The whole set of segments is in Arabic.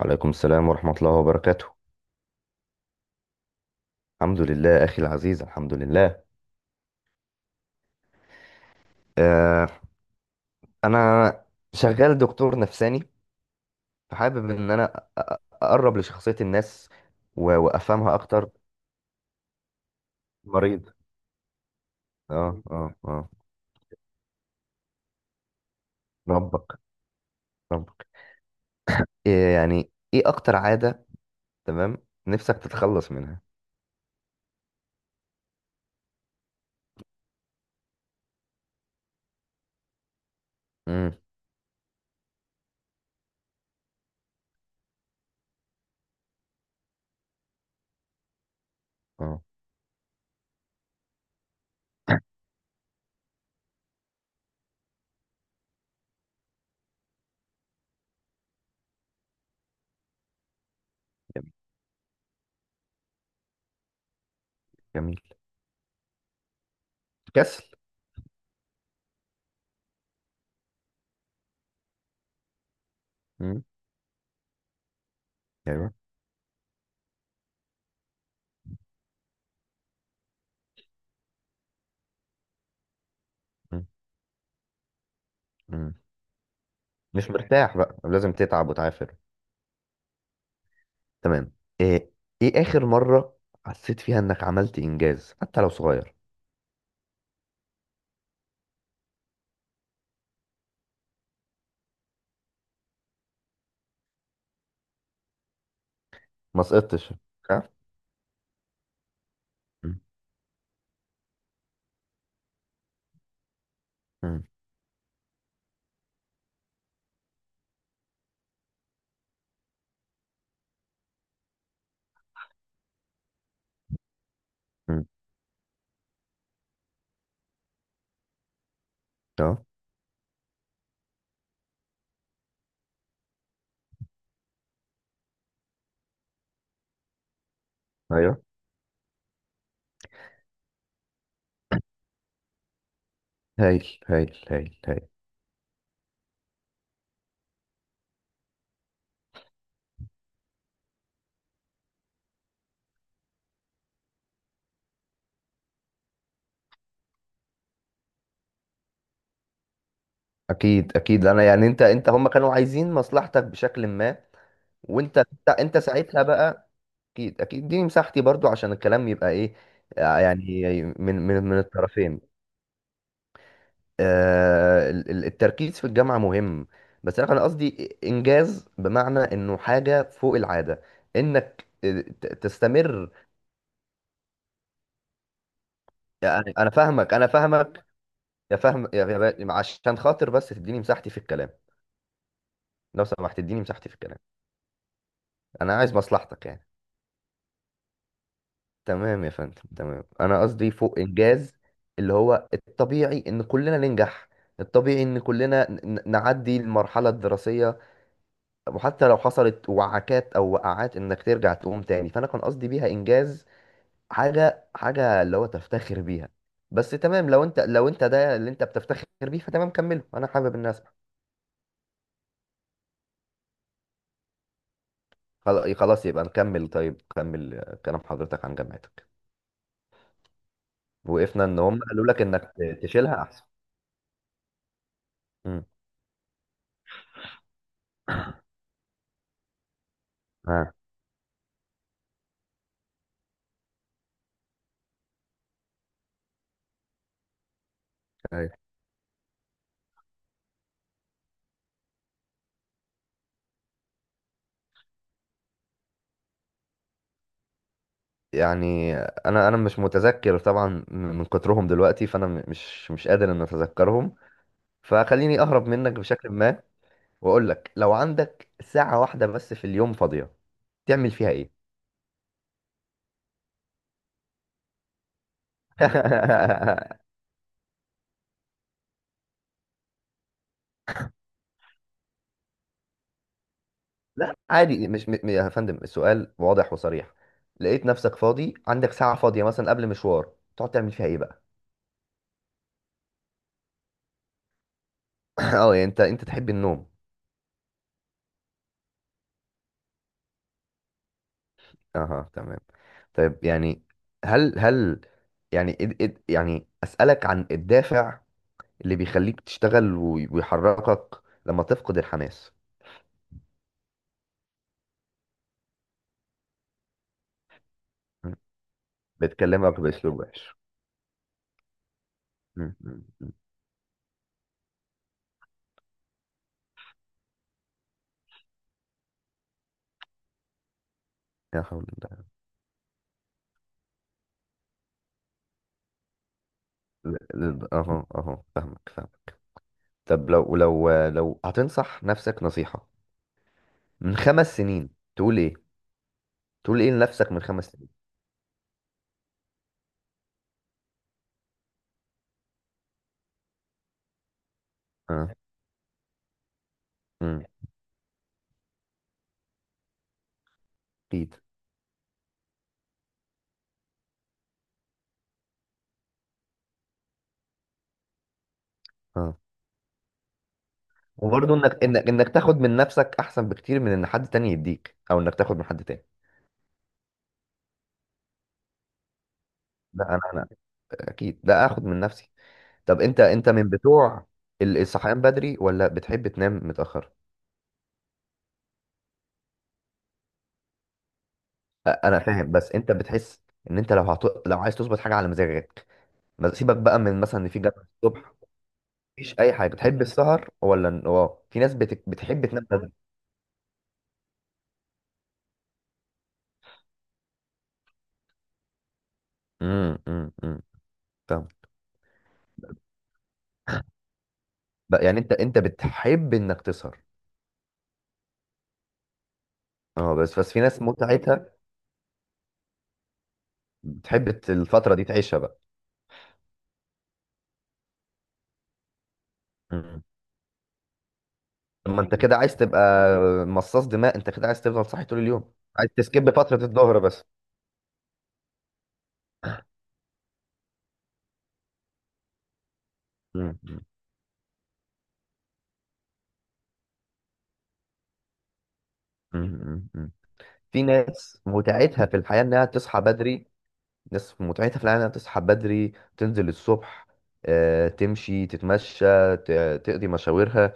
وعليكم السلام ورحمة الله وبركاته. الحمد لله أخي العزيز، الحمد لله. آه أنا شغال دكتور نفساني، فحابب إن أنا أقرب لشخصية الناس وأفهمها أكتر. مريض؟ آه آه آه. ربك، ربك. إيه يعني، إيه أكتر عادة، تمام، نفسك تتخلص منها؟ امم آه، جميل. جميل. كسل. امم أيوه. مم. مم. مش مرتاح بقى، لازم تتعب وتعافر. تمام. ايه، ايه اخر مرة حسيت فيها انك عملت انجاز حتى لو صغير؟ ما سقطتش؟ ها؟ مم. مم. مم. اه. ايوه. هايل، هايل، هايل، هايل. اكيد، اكيد. انا يعني انت، انت هم كانوا عايزين مصلحتك بشكل ما. وانت انت, انت ساعتها بقى، اكيد اكيد دي مساحتي برضو عشان الكلام يبقى ايه يعني من من الطرفين. التركيز في الجامعة مهم، بس أنا قصدي إنجاز بمعنى إنه حاجة فوق العادة، إنك تستمر. يعني أنا فاهمك، أنا فاهمك. يا فاهم يا با- عشان خاطر بس تديني مساحتي في الكلام. لو سمحت تديني مساحتي في الكلام. أنا عايز مصلحتك يعني. تمام يا فندم، تمام. أنا قصدي فوق إنجاز، اللي هو الطبيعي إن كلنا ننجح. الطبيعي إن كلنا نعدي المرحلة الدراسية، وحتى لو حصلت وعكات او وقعات انك ترجع تقوم تاني. فانا كان قصدي بيها انجاز، حاجه اللي هو تفتخر بيها. بس تمام، لو انت ده اللي انت بتفتخر بيه فتمام، كمله. انا حابب الناس. خلاص يبقى نكمل، طيب كمل كلام حضرتك عن جامعتك. وقفنا ان هم قالوا لك انك تشيلها احسن. امم اه. أيوة. يعني انا انا مش متذكر طبعا من كترهم دلوقتي، فانا مش مش قادر ان اتذكرهم. فخليني اهرب منك بشكل ما واقول لك، لو عندك ساعة واحدة بس في اليوم فاضية تعمل فيها ايه؟ لا عادي، مش م... م- يا فندم السؤال واضح وصريح. لقيت نفسك فاضي، عندك ساعة فاضية مثلا قبل مشوار، تقعد تعمل فيها ايه بقى؟ اه، يعني انت انت تحب النوم. اها، تمام. طيب يعني، هل يعني يعني اسألك عن الدافع اللي بيخليك تشتغل ويحركك لما تفقد الحماس. م. بتكلمك بأسلوب وحش. م. لا حول. اها، اها، فاهمك، فاهمك. طب لو لو هتنصح نفسك نصيحة من 5 سنين، تقول ايه؟ تقول ايه لنفسك من 5 سنين؟ اه. امم اكيد. اه، وبرضه انك انك تاخد من نفسك احسن بكتير من ان حد تاني يديك او انك تاخد من حد تاني. لا انا، انا اكيد لا اخد من نفسي. طب انت، انت من بتوع الصحيان بدري ولا بتحب تنام متأخر؟ انا فاهم، بس انت بتحس ان انت لو عايز تظبط حاجة على مزاجك، سيبك بقى من مثلا ان في جامعة الصبح، مفيش اي حاجه. بتحب السهر ولا اه، في ناس بتحب تنام بدري. امم، امم، أمم. فاهم. بقى يعني انت، انت بتحب انك تسهر. اه، بس في ناس متعتها بتحب الفتره دي تعيشها بقى. امم. طب ما انت كده عايز تبقى مصاص دماء، انت كده عايز تفضل صاحي طول اليوم، عايز تسكيب فتره الظهر بس. امم. أمم. أمم. أمم. في ناس متعتها في الحياه انها تصحى بدري، ناس متعتها في الحياه انها تصحى بدري، تنزل الصبح تمشي، تتمشى، تقضي مشاويرها.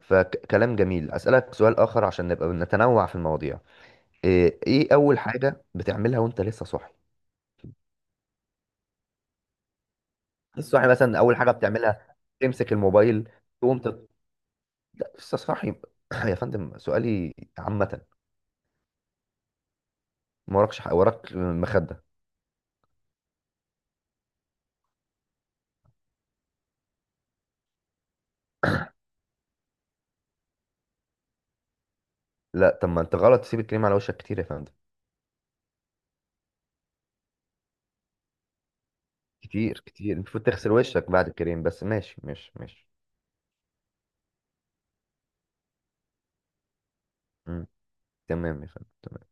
فكلام جميل. أسألك سؤال آخر عشان نبقى نتنوع في المواضيع. إيه أول حاجة بتعملها وأنت لسه صاحي؟ لسه صاحي، مثلا أول حاجة بتعملها تمسك الموبايل، تقوم تت... لا، لسه صاحي. يا فندم سؤالي عامة. ما وراكش حق، وراك مخدة. لا طب ما أنت غلط تسيب الكريم على وشك كتير يا فندم. كتير، كتير. المفروض تغسل وشك بعد الكريم، بس ماشي، ماشي، ماشي. مم. تمام يا فندم، تمام.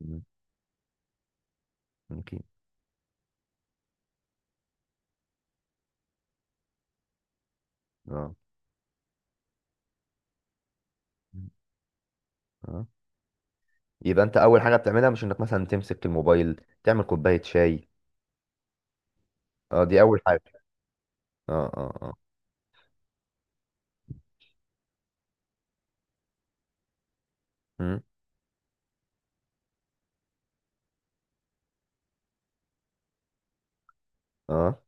مم. ممكن. اه. مم. اه، يبقى انت اول حاجه بتعملها مش انك مثلا تمسك الموبايل تعمل كوبايه شاي. اه دي اول حاجه. اه، اه، اه. مم. اه.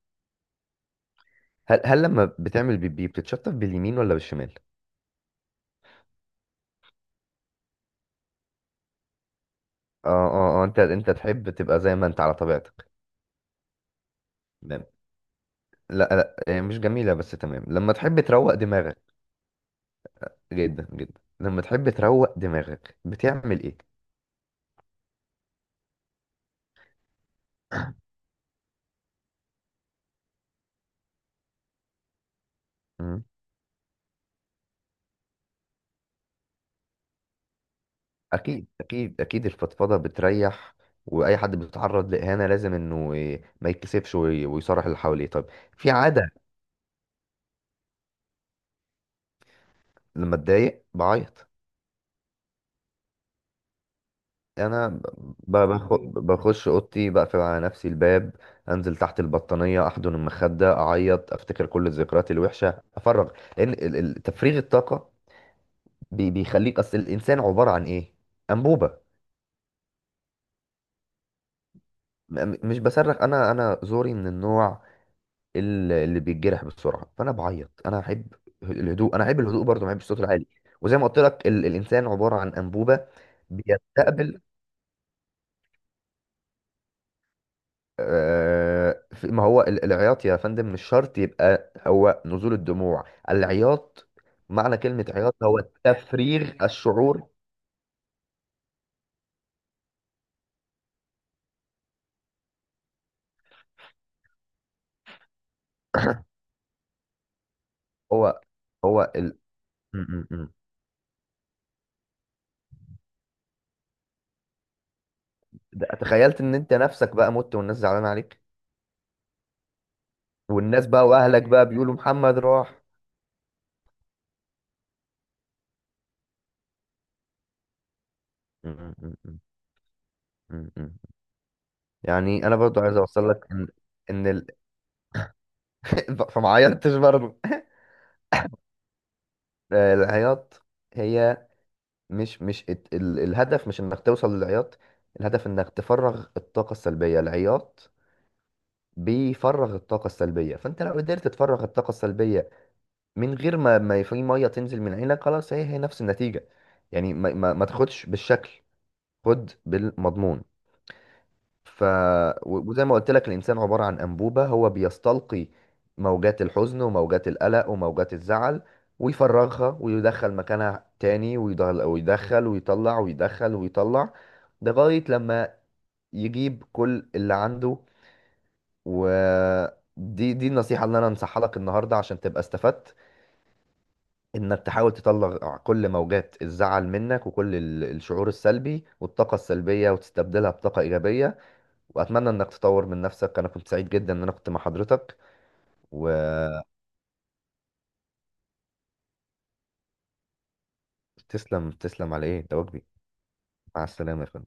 هل، هل لما بتعمل بيبي بتتشطف باليمين ولا بالشمال؟ اه، اه، اه. انت، انت تحب تبقى زي ما انت على طبيعتك. تمام. لا لا، هي مش جميله، بس تمام. لما تحب تروق دماغك، جدا، جدا. لما تحب تروق دماغك بتعمل ايه؟ مم. اكيد، اكيد، اكيد. الفضفضه بتريح. واي حد بيتعرض لاهانه لازم انه ما يتكسفش ويصارح اللي حواليه. طيب، في عاده لما اتضايق بعيط. انا بخش اوضتي، بقفل على نفسي الباب، انزل تحت البطانيه، احضن المخده، اعيط، افتكر كل الذكريات الوحشه، افرغ. لان تفريغ الطاقه بيخليك، اصل الانسان عباره عن ايه؟ انبوبه. مش بصرخ، انا انا زوري من النوع اللي بيتجرح بسرعه، فانا بعيط. انا احب الهدوء، انا احب الهدوء برضه، ما احبش الصوت العالي. وزي ما قلت لك الانسان عباره عن انبوبه بيستقبل. ما هو العياط يا فندم مش شرط يبقى هو نزول الدموع. العياط، معنى كلمة عياط هو تفريغ الشعور. هو، هو ال... م. ده- تخيلت ان انت نفسك بقى مت والناس زعلانة عليك، والناس بقى واهلك بقى بيقولوا محمد راح. م- م- م- م. يعني انا برضو عايز اوصل لك ان، ان ال... فما عيطتش برضو العياط هي، مش الهدف مش انك توصل للعياط. الهدف انك تفرغ الطاقة السلبية. العياط بيفرغ الطاقة السلبية، فانت لو قدرت تفرغ الطاقة السلبية من غير ما في مية تنزل من عينك خلاص، هي نفس النتيجة. يعني ما, ما تاخدش بالشكل، خد بالمضمون. ف وزي ما قلت لك الإنسان عبارة عن أنبوبة، هو بيستلقي موجات الحزن وموجات القلق وموجات الزعل، ويفرغها ويدخل مكانها تاني، ويدخل ويدخل ويطلع ويدخل ويطلع لغاية لما يجيب كل اللي عنده. ودي النصيحة اللي أنا أنصحها لك النهاردة عشان تبقى استفدت، إنك تحاول تطلع كل موجات الزعل منك وكل الشعور السلبي والطاقة السلبية وتستبدلها بطاقة إيجابية. واتمنى انك تطور من نفسك. انا كنت سعيد جدا ان انا كنت مع حضرتك. وتسلم، تسلم على ايه، ده واجبي. مع السلامة يا فندم.